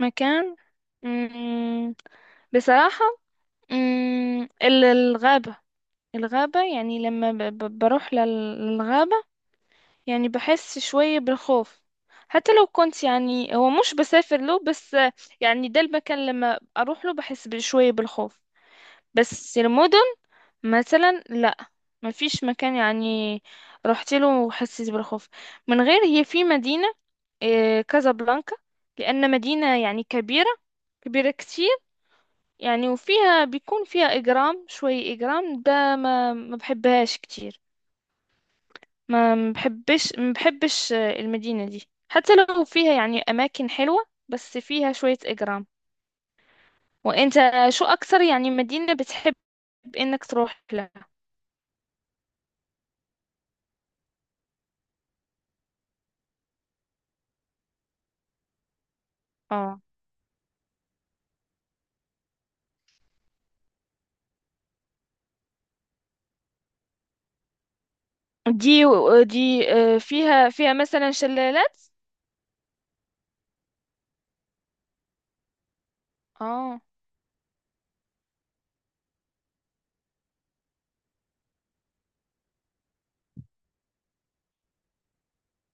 مكان. مم. بصراحة. الغابة. يعني لما بروح للغابة، يعني بحس شوية بالخوف. حتى لو كنت يعني هو مش بسافر له، بس يعني ده المكان لما أروح له بحس بشوية بالخوف. بس المدن مثلا لا، ما فيش مكان يعني رحت له وحسيت بالخوف من غير. هي في مدينة كازابلانكا، لأن مدينة يعني كبيرة، كبيرة كتير يعني، وفيها بيكون فيها إجرام. شوي إجرام ده ما بحبهاش كتير، ما بحبش. المدينة دي حتى لو فيها يعني أماكن حلوة، بس فيها شوية إجرام. وأنت، شو أكثر يعني مدينة بتحب إنك تروح لها؟ اه. دي دي فيها مثلا شلالات. اه،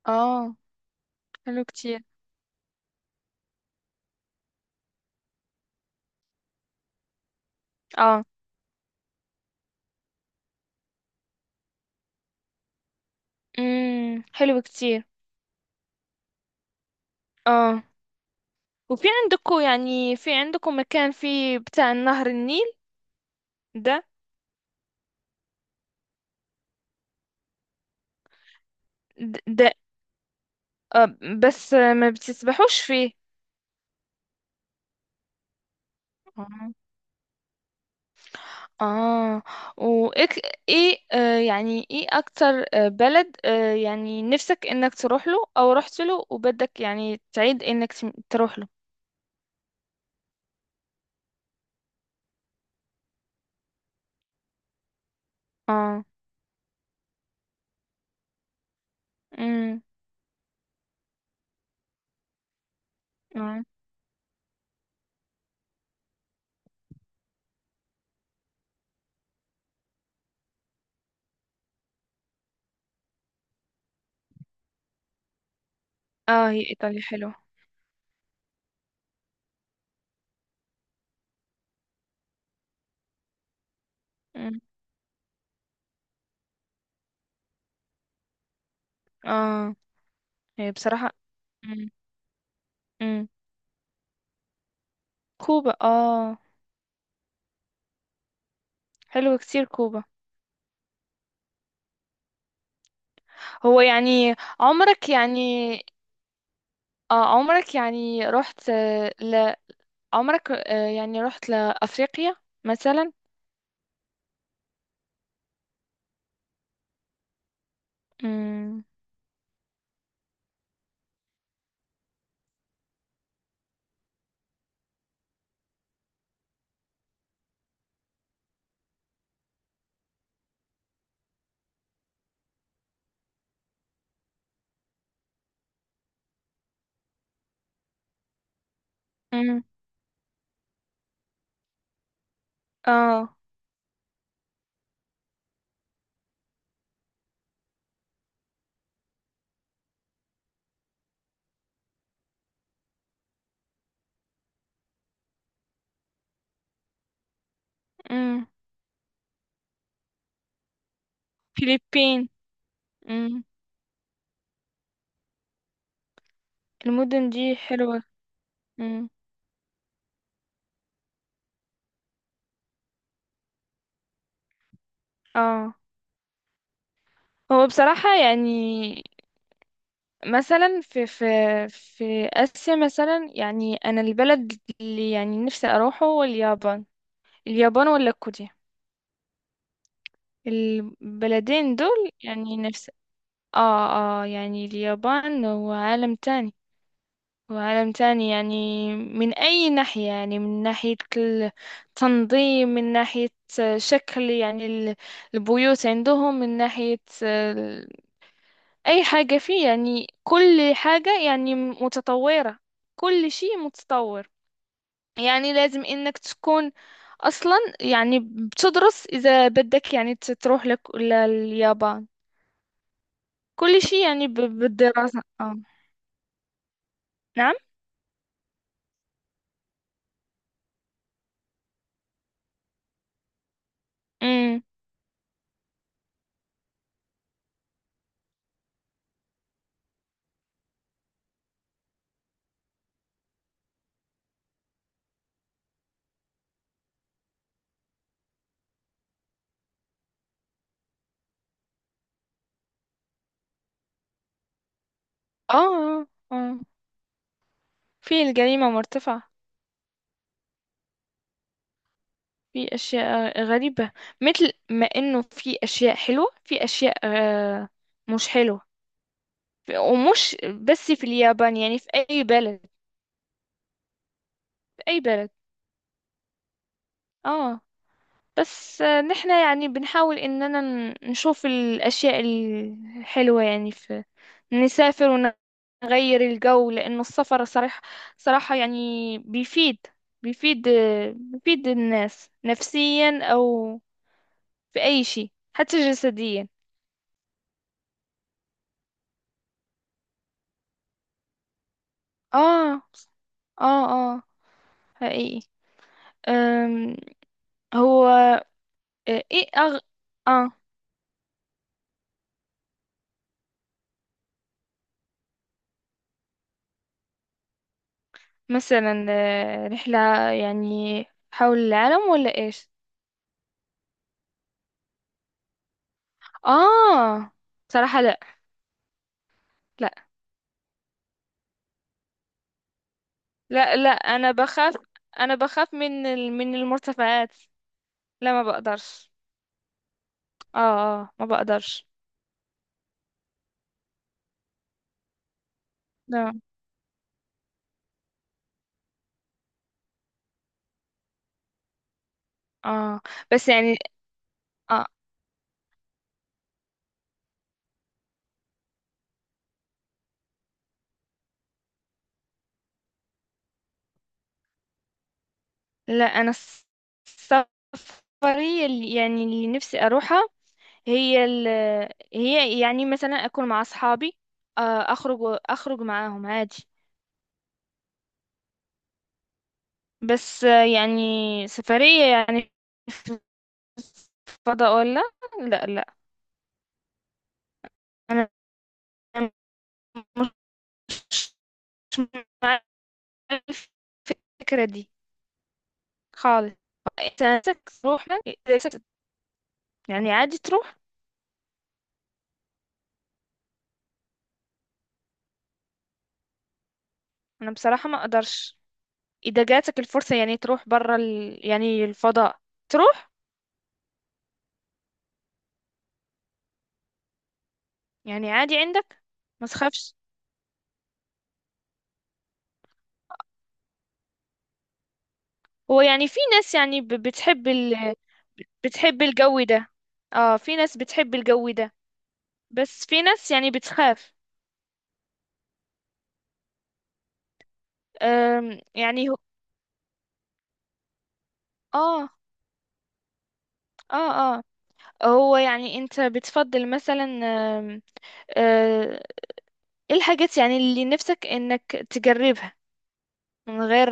اه، حلو كتير. اه، حلو كتير. اه. وفي عندكم يعني في عندكم مكان فيه بتاع نهر النيل ده ده آه بس ما بتسبحوش فيه. اه، آه. وايه؟ يعني ايه اكتر بلد يعني نفسك انك تروح له او رحت له، وبدك يعني تعيد انك تروح له؟ اه، امم اه، اه، هي ايطاليا حلوة. مم. اه، هي بصراحة مم. مم. كوبا. اه، حلوة كتير كوبا. هو يعني عمرك يعني، اه، عمرك يعني رحت، عمرك يعني رحت لأفريقيا مثلا؟ امم امم اه، امم فiliبين، امم المدن دي حلوة. امم اه. هو بصراحة يعني، مثلا في في آسيا مثلا يعني، أنا البلد اللي يعني نفسي أروحه هو اليابان. اليابان ولا كوريا؟ البلدين دول يعني نفسي. اه، اه، يعني اليابان هو عالم تاني. وعالم تاني يعني من أي ناحية، يعني من ناحية التنظيم، من ناحية شكل يعني البيوت عندهم، من ناحية أي حاجة فيه. يعني كل حاجة يعني متطورة، كل شيء متطور. يعني لازم إنك تكون أصلا يعني بتدرس إذا بدك يعني تروح لك لليابان، كل شيء يعني بالدراسة آه. نعم. أمم آه، آه. في الجريمة مرتفعة، في أشياء غريبة. مثل ما إنه في أشياء حلوة، في أشياء مش حلوة، ومش. بس في اليابان يعني، في أي بلد، في أي بلد آه، بس نحن يعني بنحاول إننا نشوف الأشياء الحلوة يعني، في نسافر ونغير الجو، لأنه السفر صراحة، صراحة يعني بيفيد، بيفيد بيفيد الناس نفسيا، أو في أي شيء حتى جسديا. آه، آه، آه، حقيقي. أم، هو ايه اه، مثلا رحلة يعني حول العالم ولا ايش؟ اه، صراحة لا، لا، لا، لا، انا بخاف من من المرتفعات. لا، ما بقدرش. اه، اه، ما بقدرش. لا. اه، بس يعني، اه، لا، انا السفرية اللي يعني، اللي نفسي اروحها هي ال هي يعني مثلا اكل مع اصحابي، آه، اخرج، اخرج معاهم عادي. بس يعني، سفرية يعني فضاء ولا؟ لا، لا، انا مش مع الفكرة دي خالص. انت نفسك تروح؟ إذا نفسك- يعني عادي تروح؟ انا بصراحة ما اقدرش. اذا جاتك الفرصة يعني تروح برا يعني الفضاء، تروح يعني عادي، عندك ما تخافش. هو يعني في ناس يعني بتحب، الجو ده. اه، في ناس بتحب الجو ده، بس في ناس يعني بتخاف. يعني هو، اه، اه، اه. هو يعني انت بتفضل مثلا، آه، ايه الحاجات يعني اللي نفسك انك تجربها من غير،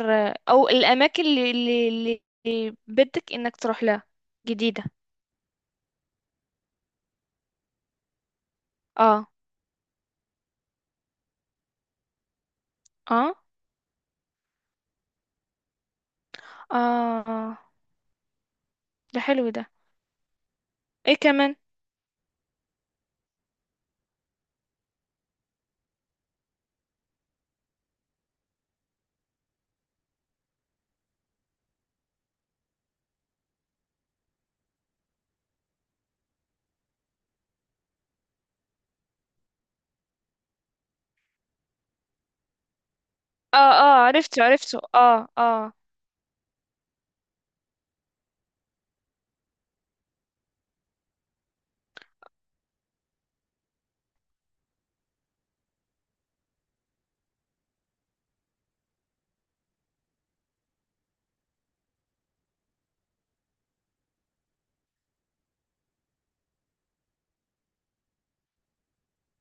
او الاماكن اللي بدك انك تروح لها جديدة؟ اه، اه، اه، آه. ده حلو ده. ايه كمان؟ اه، اه، عرفته عرفته، اه، اه.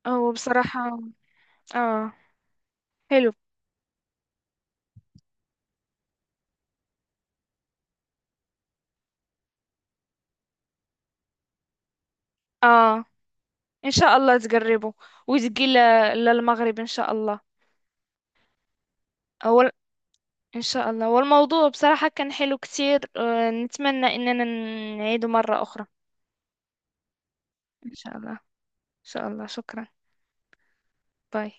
هو بصراحة. اه، حلو. اه، ان شاء الله تقربوا وتجي للمغرب ان شاء الله. اول ان شاء الله، والموضوع بصراحة كان حلو كتير، نتمنى اننا نعيده مرة اخرى ان شاء الله. ان شاء الله. شكرا. باي.